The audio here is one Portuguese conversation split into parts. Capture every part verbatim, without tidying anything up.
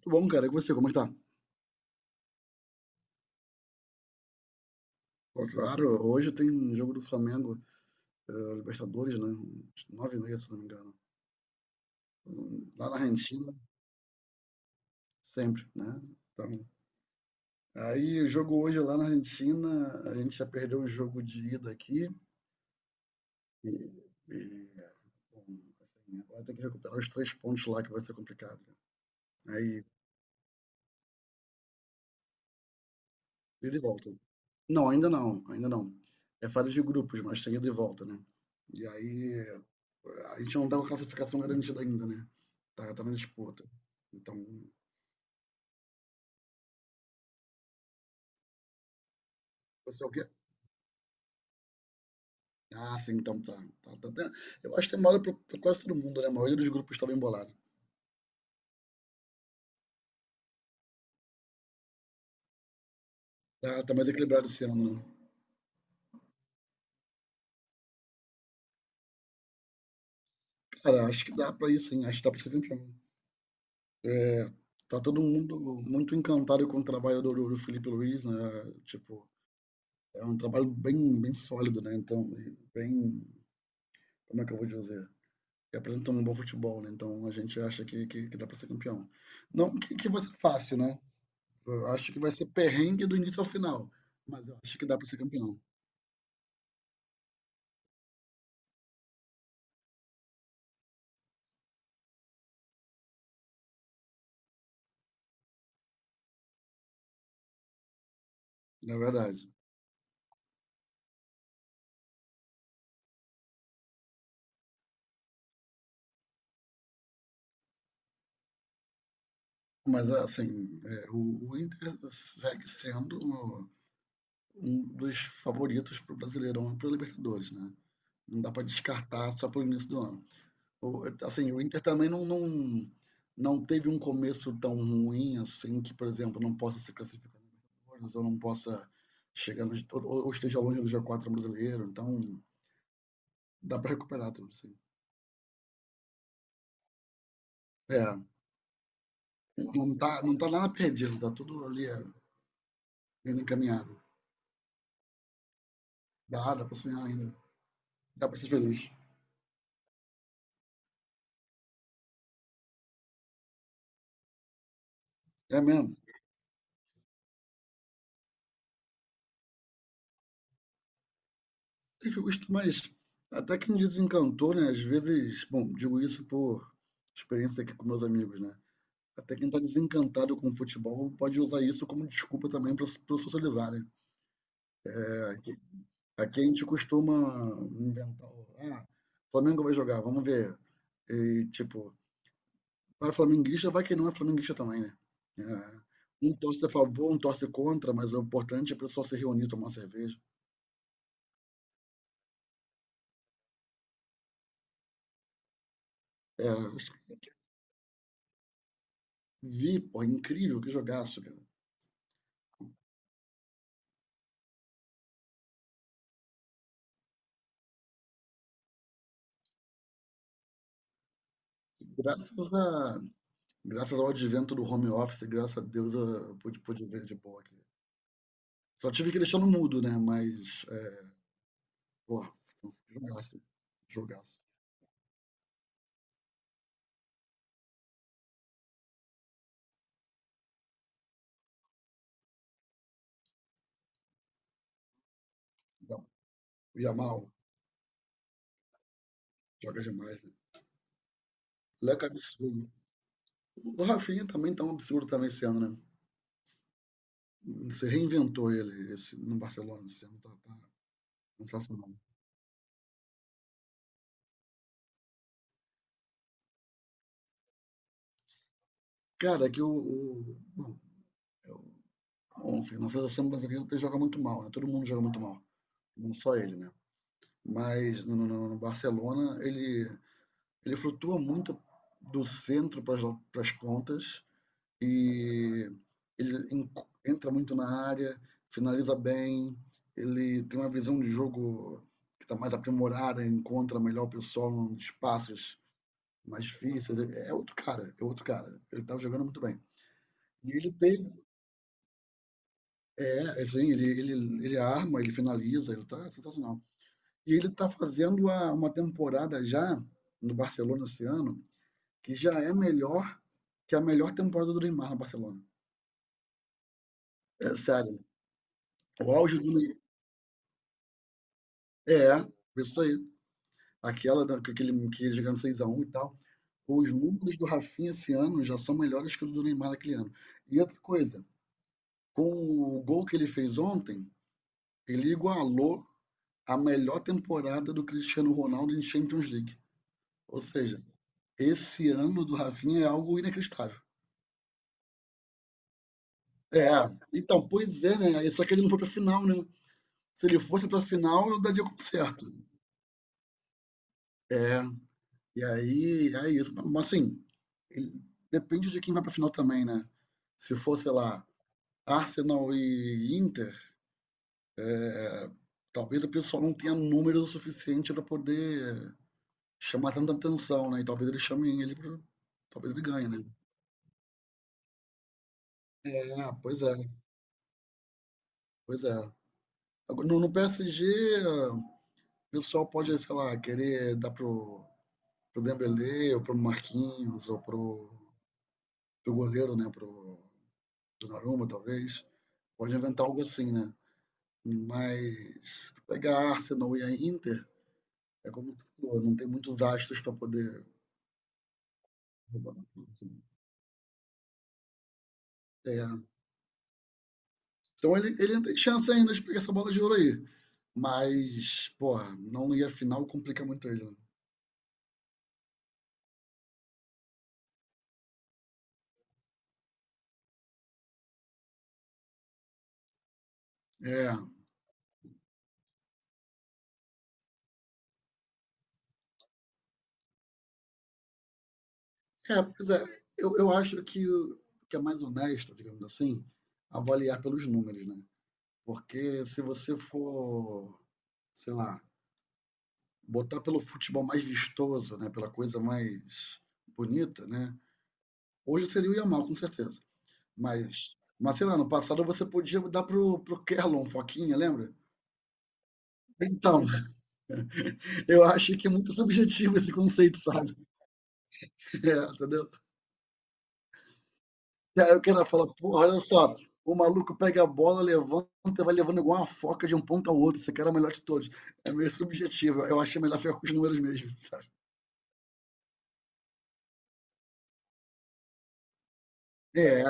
Tudo bom, cara? E com você, como é que tá? Ó, claro, hoje tem um jogo do Flamengo, eh, Libertadores, né? Nove e meia, se não me engano. Hum, Lá na Argentina, sempre, né? Então, aí o jogo hoje lá na Argentina, a gente já perdeu o jogo de ida aqui. E, e, bom, assim, agora tem que recuperar os três pontos lá, que vai ser complicado, né? Aí, ida e volta. Não, ainda não, ainda não. É fase de grupos, mas tem ida e volta, né? E aí, a gente não tá com a classificação garantida ainda, né? Tá, tá na disputa. Então, você é o quê? Ah, sim, então tá. Tá, tá, tá. Eu acho que tem moda pra, pra quase todo mundo, né? A maioria dos grupos tá bem bolado. Tá, tá mais equilibrado esse ano, né? Cara, acho que dá pra ir, sim, acho que dá pra ser campeão. É, tá todo mundo muito encantado com o trabalho do, do Felipe Luiz, né? Tipo, é um trabalho bem, bem sólido, né? Então, e bem, como é que eu vou dizer? E apresentam um bom futebol, né? Então a gente acha que, que, que dá para ser campeão. Não que, que vai ser fácil, né? Eu acho que vai ser perrengue do início ao final, mas eu acho que dá para ser campeão, na verdade. Mas assim, é, o, o Inter segue sendo um dos favoritos para o Brasileirão e para Libertadores, né? Não dá para descartar só para o início do ano. O- Assim, o Inter também não, não, não teve um começo tão ruim assim que, por exemplo, não possa se classificar na Libertadores ou não possa chegar no, ou, ou esteja longe do G quatro brasileiro. Então, dá para recuperar tudo, sim. É, não tá, não tá nada perdido, tá tudo ali, é, indo encaminhado. Dá, dá para sonhar ainda, dá para ser feliz. É mesmo. É justo, mas até que me desencantou, né? Às vezes, bom, digo isso por experiência aqui com meus amigos, né? Até quem está desencantado com o futebol pode usar isso como desculpa também para socializar, né? É, aqui, aqui a gente costuma inventar, ah, Flamengo vai jogar, vamos ver. E, tipo, vai flamenguista, vai quem não é flamenguista também, né? É, um torce a favor, um torce contra, mas o importante é o pessoal se reunir, tomar uma cerveja. É, vi, pô, é incrível, que jogaço, cara. Graças, a, graças ao advento do home office, graças a Deus eu pude, pude, ver de boa aqui. Só tive que deixar no mudo, né? Mas, é, pô, jogaço, jogaço. Não, o Yamal joga demais, né? Leca é um absurdo. O Rafinha também tá um absurdo também esse ano, né? Você reinventou ele esse, no Barcelona esse ano, tá, tá sensacional. Cara, é que o, o bom, eu, assim, na seleção brasileira ele joga muito mal, né? Todo mundo joga muito mal, não só ele, né? Mas no, no- no Barcelona ele ele flutua muito do centro para as pontas, e ele entra muito na área, finaliza bem, ele tem uma visão de jogo que está mais aprimorada, encontra melhor o pessoal nos espaços mais difíceis. É é outro cara, é outro cara. Ele estava jogando muito bem. E ele tem, é, assim, ele, ele, ele arma, ele finaliza, ele tá sensacional. E ele tá fazendo a- uma temporada já no Barcelona esse ano, que já é melhor que a melhor temporada do Neymar no Barcelona. É sério. O auge do É, isso aí. Aquela, da- com aquele que jogando seis a um e tal. Os números do Rafinha esse ano já são melhores que o do Neymar naquele ano. E outra coisa, com o gol que ele fez ontem, ele igualou a melhor temporada do Cristiano Ronaldo em Champions League. Ou seja, esse ano do Rafinha é algo inacreditável. É, então, pois é, né? Só que ele não foi pra final, né? Se ele fosse pra final, eu daria como certo. É, e aí, é isso. Mas assim, ele- depende de quem vai pra final também, né? Se for, sei lá, Arsenal e Inter, talvez o pessoal não tenha número o suficiente pra poder chamar tanta atenção, né? E talvez ele chame ele pro... Talvez ele ganhe, né? É, pois é, pois é. Agora, No, no P S G, o pessoal pode, sei lá, querer dar pro, pro, Dembélé, ou pro Marquinhos, ou pro, pro goleiro, né? Pro Donnarumma, talvez. Pode inventar algo assim, né? Mas pegar Arsenal e a Inter, é como tu falou, não tem muitos astros para poder roubar, assim. É. Então ele, ele tem chance ainda de pegar essa bola de ouro aí. Mas, porra, não ir à final complica muito ele, né? É, é pois é, eu, eu acho que, o- que é mais honesto, digamos assim, avaliar pelos números, né? Porque se você for, sei lá, botar pelo futebol mais vistoso, né? Pela coisa mais bonita, né? Hoje seria o Yamal, com certeza. Mas, mas sei lá, no passado você podia dar pro, pro Kellon Foquinha, lembra? Então, eu acho que é muito subjetivo esse conceito, sabe? É, entendeu? E aí o cara fala, porra, olha só, o maluco pega a bola, levanta, e vai levando igual uma foca de um ponto ao outro. Esse cara é o melhor de todos. É meio subjetivo. Eu achei melhor ficar com os números mesmo, sabe? É, é,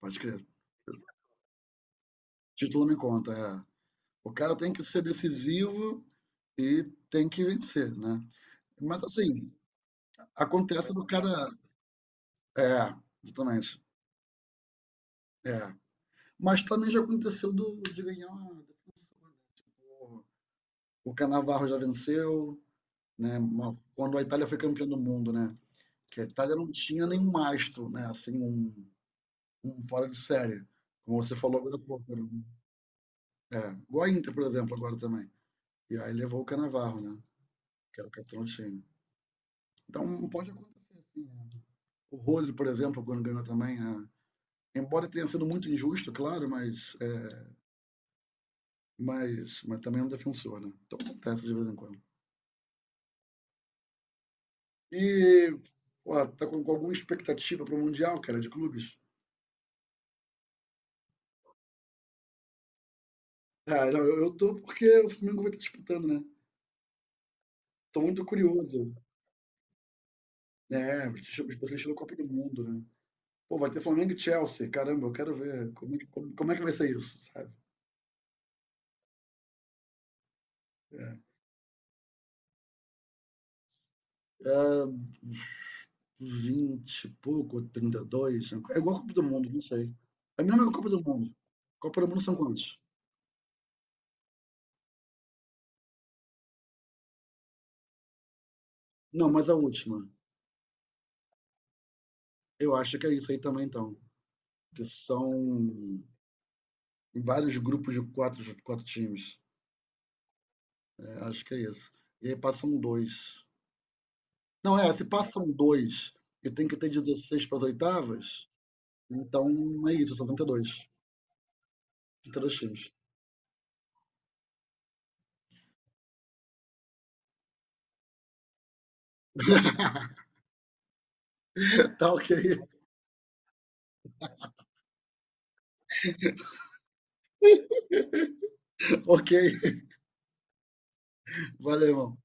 pode crer. Título não conta, é. O cara tem que ser decisivo e tem que vencer, né? Mas assim, acontece do cara. É, exatamente. É. Mas também já aconteceu do, de ganhar. O, o Canavarro já venceu, né? Uma- Quando a Itália foi campeã do mundo, né? Que a Itália não tinha nenhum mastro, né? Assim, um, um fora de série. Como você falou agora há pouco. era um- É. Igual a Inter, por exemplo, agora também. E aí levou o Canavarro, né? Que era o capitão do time. Então pode acontecer, assim, né? O Rodri, por exemplo, quando ganhou também, né? Embora tenha sido muito injusto, claro, mas, é, mas, mas também é um defensor, né? Então acontece de vez em quando. E, pô, tá com, com alguma expectativa para o Mundial, cara, de clubes? Ah, não, eu, eu tô porque o Flamengo vai estar disputando, né? Tô muito curioso, né? Vocês na Copa do Mundo, né? Pô, vai ter Flamengo e Chelsea, caramba, eu quero ver como é que, como, como é que vai ser isso, sabe? É, vinte e pouco, trinta e dois, é igual a Copa do Mundo, não sei. É a mesma Copa do Mundo. Copa do Mundo são quantos? Não, mas a última. Eu acho que é isso aí também, então. Que são vários grupos de quatro, quatro times. Acho que é isso. E aí passam dois. Não, é, se passam dois e tem que ter dezesseis para as oitavas, então é isso, são trinta e dois trinta e dois times. Tá, ok, ok. Valeu, irmão.